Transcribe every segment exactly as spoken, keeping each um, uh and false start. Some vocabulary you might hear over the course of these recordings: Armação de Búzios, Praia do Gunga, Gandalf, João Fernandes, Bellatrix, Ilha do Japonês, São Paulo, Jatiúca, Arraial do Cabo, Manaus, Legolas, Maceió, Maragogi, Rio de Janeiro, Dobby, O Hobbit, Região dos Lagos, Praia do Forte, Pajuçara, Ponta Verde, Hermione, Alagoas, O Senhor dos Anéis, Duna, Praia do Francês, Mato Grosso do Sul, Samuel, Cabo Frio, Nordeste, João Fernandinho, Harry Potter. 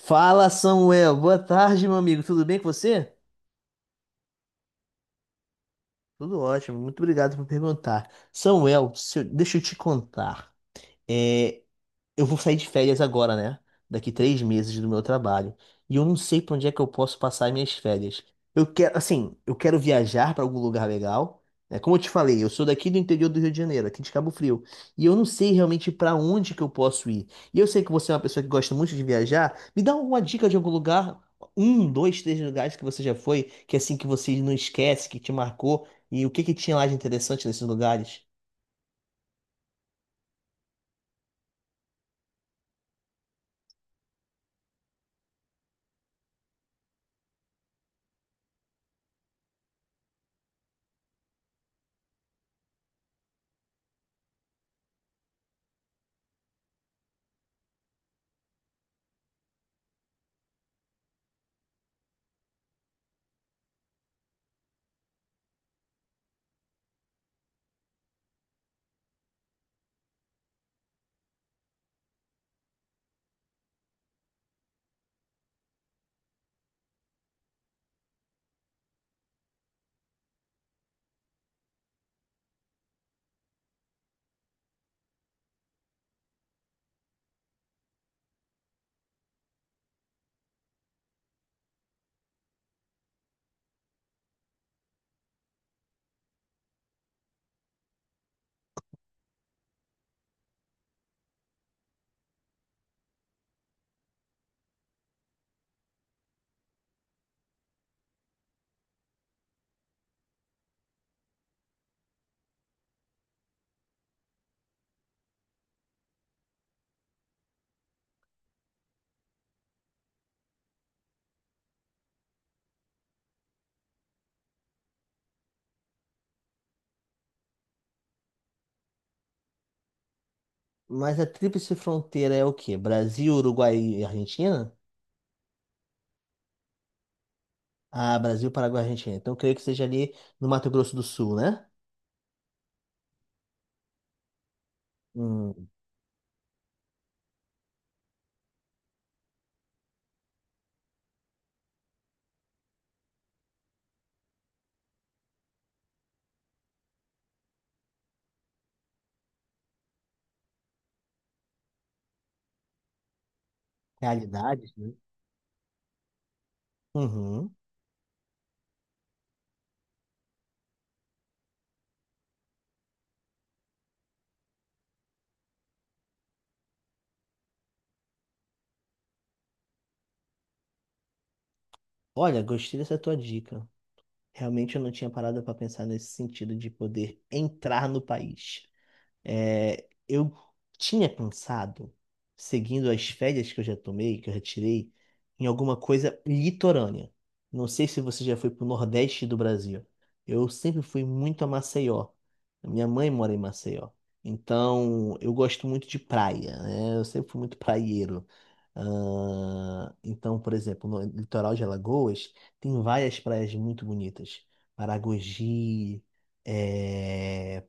Fala, Samuel. Boa tarde, meu amigo. Tudo bem com você? Tudo ótimo. Muito obrigado por perguntar. Samuel, se eu- deixa eu te contar. É, eu vou sair de férias agora, né? Daqui três meses do meu trabalho. E eu não sei pra onde é que eu posso passar minhas férias. Eu quero, assim, eu quero viajar pra algum lugar legal. Né? Como eu te falei, eu sou daqui do interior do Rio de Janeiro, aqui de Cabo Frio. E eu não sei realmente pra onde que eu posso ir. E eu sei que você é uma pessoa que gosta muito de viajar. Me dá alguma dica de algum lugar, um, dois, três lugares que você já foi, que assim que você não esquece, que te marcou. E o que que tinha lá de interessante nesses lugares? Mas a tríplice fronteira é o quê? Brasil, Uruguai e Argentina? Ah, Brasil, Paraguai e Argentina. Então, creio que seja ali no Mato Grosso do Sul, né? Hum, realidades, né? Uhum. Olha, gostei dessa tua dica. Realmente eu não tinha parado para pensar nesse sentido de poder entrar no país. É, eu tinha pensado, seguindo as férias que eu já tomei, que eu já tirei, em alguma coisa litorânea. Não sei se você já foi pro Nordeste do Brasil. Eu sempre fui muito a Maceió. Minha mãe mora em Maceió. Então, eu gosto muito de praia, né? Eu sempre fui muito praieiro. Ah, então, por exemplo, no litoral de Alagoas, tem várias praias muito bonitas. Maragogi, eh,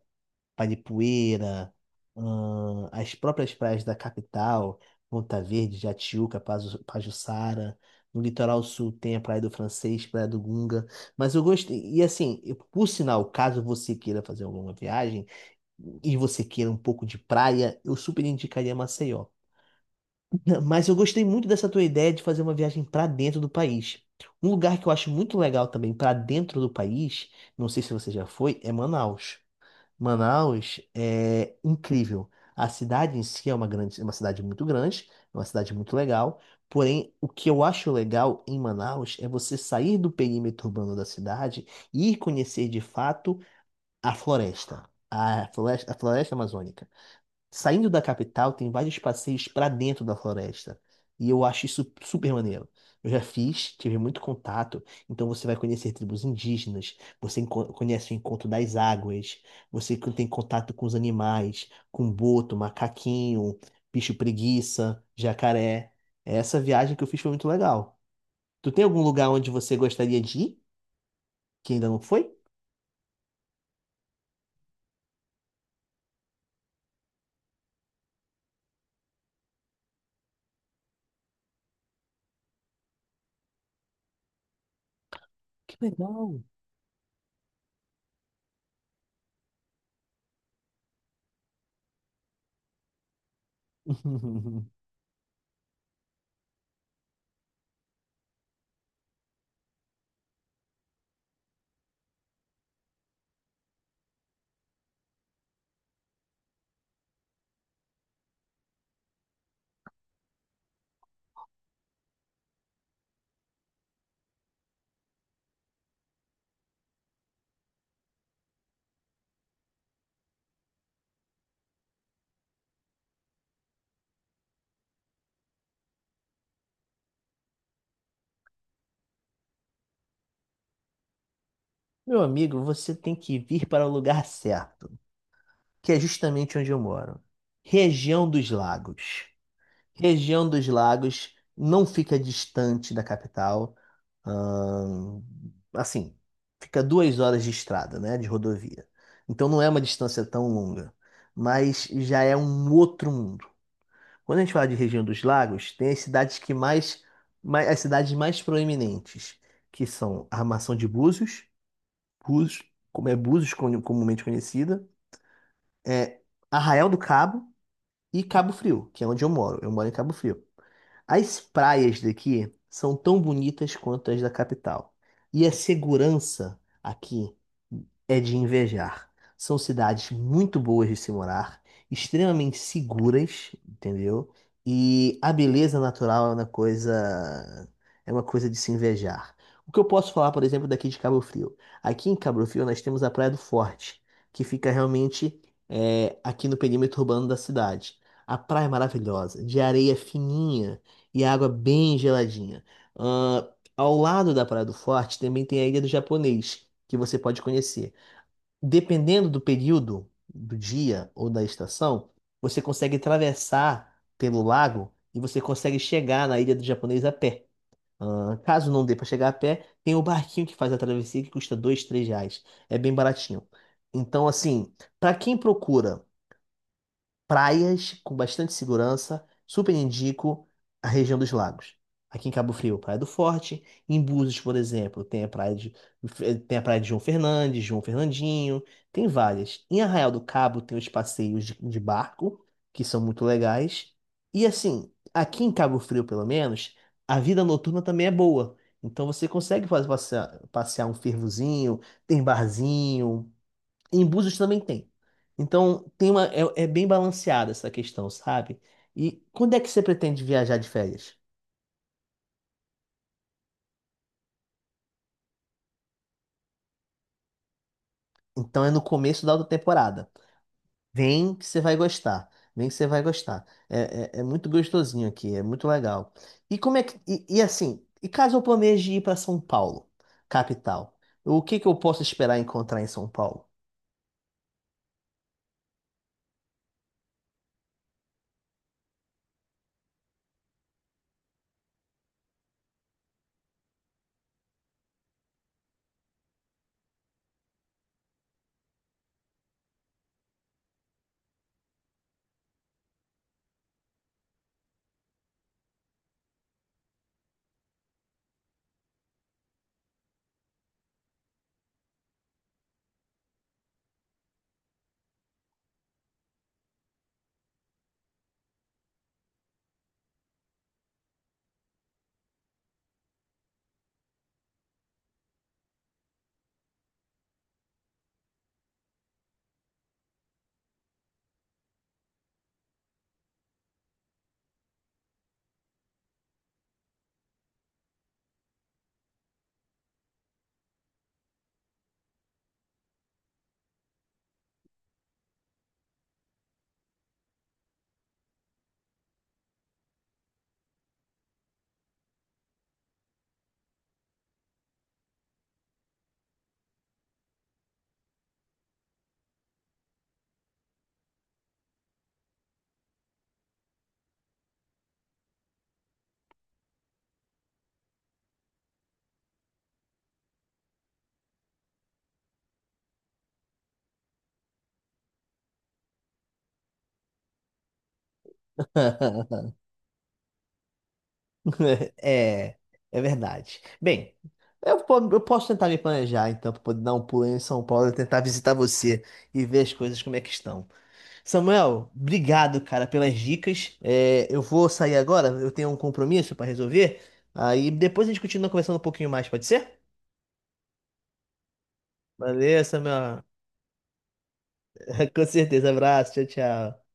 Paripueira, ahn, as próprias praias da capital, Ponta Verde, Jatiúca, Pazu- Pajuçara. No litoral sul tem a Praia do Francês, Praia do Gunga. Mas eu gostei. E assim, eu- por sinal, caso você queira fazer alguma viagem e você queira um pouco de praia, eu super indicaria Maceió. Não, mas eu gostei muito dessa tua ideia de fazer uma viagem para dentro do país. Um lugar que eu acho muito legal também para dentro do país, não sei se você já foi, é Manaus. Manaus é incrível. A cidade em si é uma grande, é uma cidade muito grande, é uma cidade muito legal. Porém, o que eu acho legal em Manaus é você sair do perímetro urbano da cidade e ir conhecer de fato a floresta, a floresta, a floresta amazônica. Saindo da capital, tem vários passeios pra dentro da floresta. E eu acho isso super maneiro. Eu já fiz, tive muito contato. Então você vai conhecer tribos indígenas, você enco- conhece o encontro das águas, você co- tem contato com os animais, com boto, macaquinho, bicho preguiça, jacaré. Essa viagem que eu fiz foi muito legal. Tu tem algum lugar onde você gostaria de ir, que ainda não foi? Que legal! Meu amigo, você tem que vir para o lugar certo, que é justamente onde eu moro. Região dos Lagos. Região dos Lagos não fica distante da capital. ahn, assim, fica duas horas de estrada, né? De rodovia. Então não é uma distância tão longa, mas já é um outro mundo. Quando a gente fala de região dos lagos, tem as cidades que mais, mais as cidades mais proeminentes, que são a Armação de Búzios, Búzios, como é Búzios comu- comumente conhecida, é Arraial do Cabo, e Cabo Frio, que é onde eu moro. Eu moro em Cabo Frio. As praias daqui são tão bonitas quanto as da capital. E a segurança aqui é de invejar. São cidades muito boas de se morar, extremamente seguras, entendeu? E a beleza natural é uma coisa, é uma coisa de se invejar. O que eu posso falar, por exemplo, daqui de Cabo Frio? Aqui em Cabo Frio nós temos a Praia do Forte, que fica realmente é, aqui no perímetro urbano da cidade. A praia é maravilhosa, de areia fininha e água bem geladinha. Ahn, Ao lado da Praia do Forte também tem a Ilha do Japonês, que você pode conhecer dependendo do período do dia ou da estação, você consegue atravessar pelo lago e você consegue chegar na Ilha do Japonês a pé. Ah, caso não dê para chegar a pé, tem o barquinho que faz a travessia que custa dois, três reais. É bem baratinho. Então, assim, para quem procura praias com bastante segurança, super indico a região dos lagos. Aqui em Cabo Frio, Praia do Forte. Em Búzios, por exemplo, tem a praia de, tem a praia de João Fernandes, João Fernandinho, tem várias. Em Arraial do Cabo tem os passeios de, de barco, que são muito legais. E assim, aqui em Cabo Frio, pelo menos, a vida noturna também é boa. Então você consegue fazer passear, passear um fervozinho, tem barzinho, em Búzios também tem. Então, tem uma, é, é bem balanceada essa questão, sabe? E quando é que você pretende viajar de férias? Então, é no começo da outra temporada. Vem que você vai gostar. Vem que você vai gostar. É, é, é muito gostosinho aqui, é muito legal. E como é que... E, e assim, e caso eu planeje ir para São Paulo, capital, o que que eu posso esperar encontrar em São Paulo? É, é verdade. Bem, eu, po- eu posso tentar me planejar, então, para poder dar um pulo em São Paulo e tentar visitar você e ver as coisas como é que estão. Samuel, obrigado, cara, pelas dicas. É, eu vou sair agora, eu tenho um compromisso para resolver. Aí depois a gente continua conversando um pouquinho mais, pode ser? Valeu, Samuel. Com certeza. Abraço, tchau, tchau.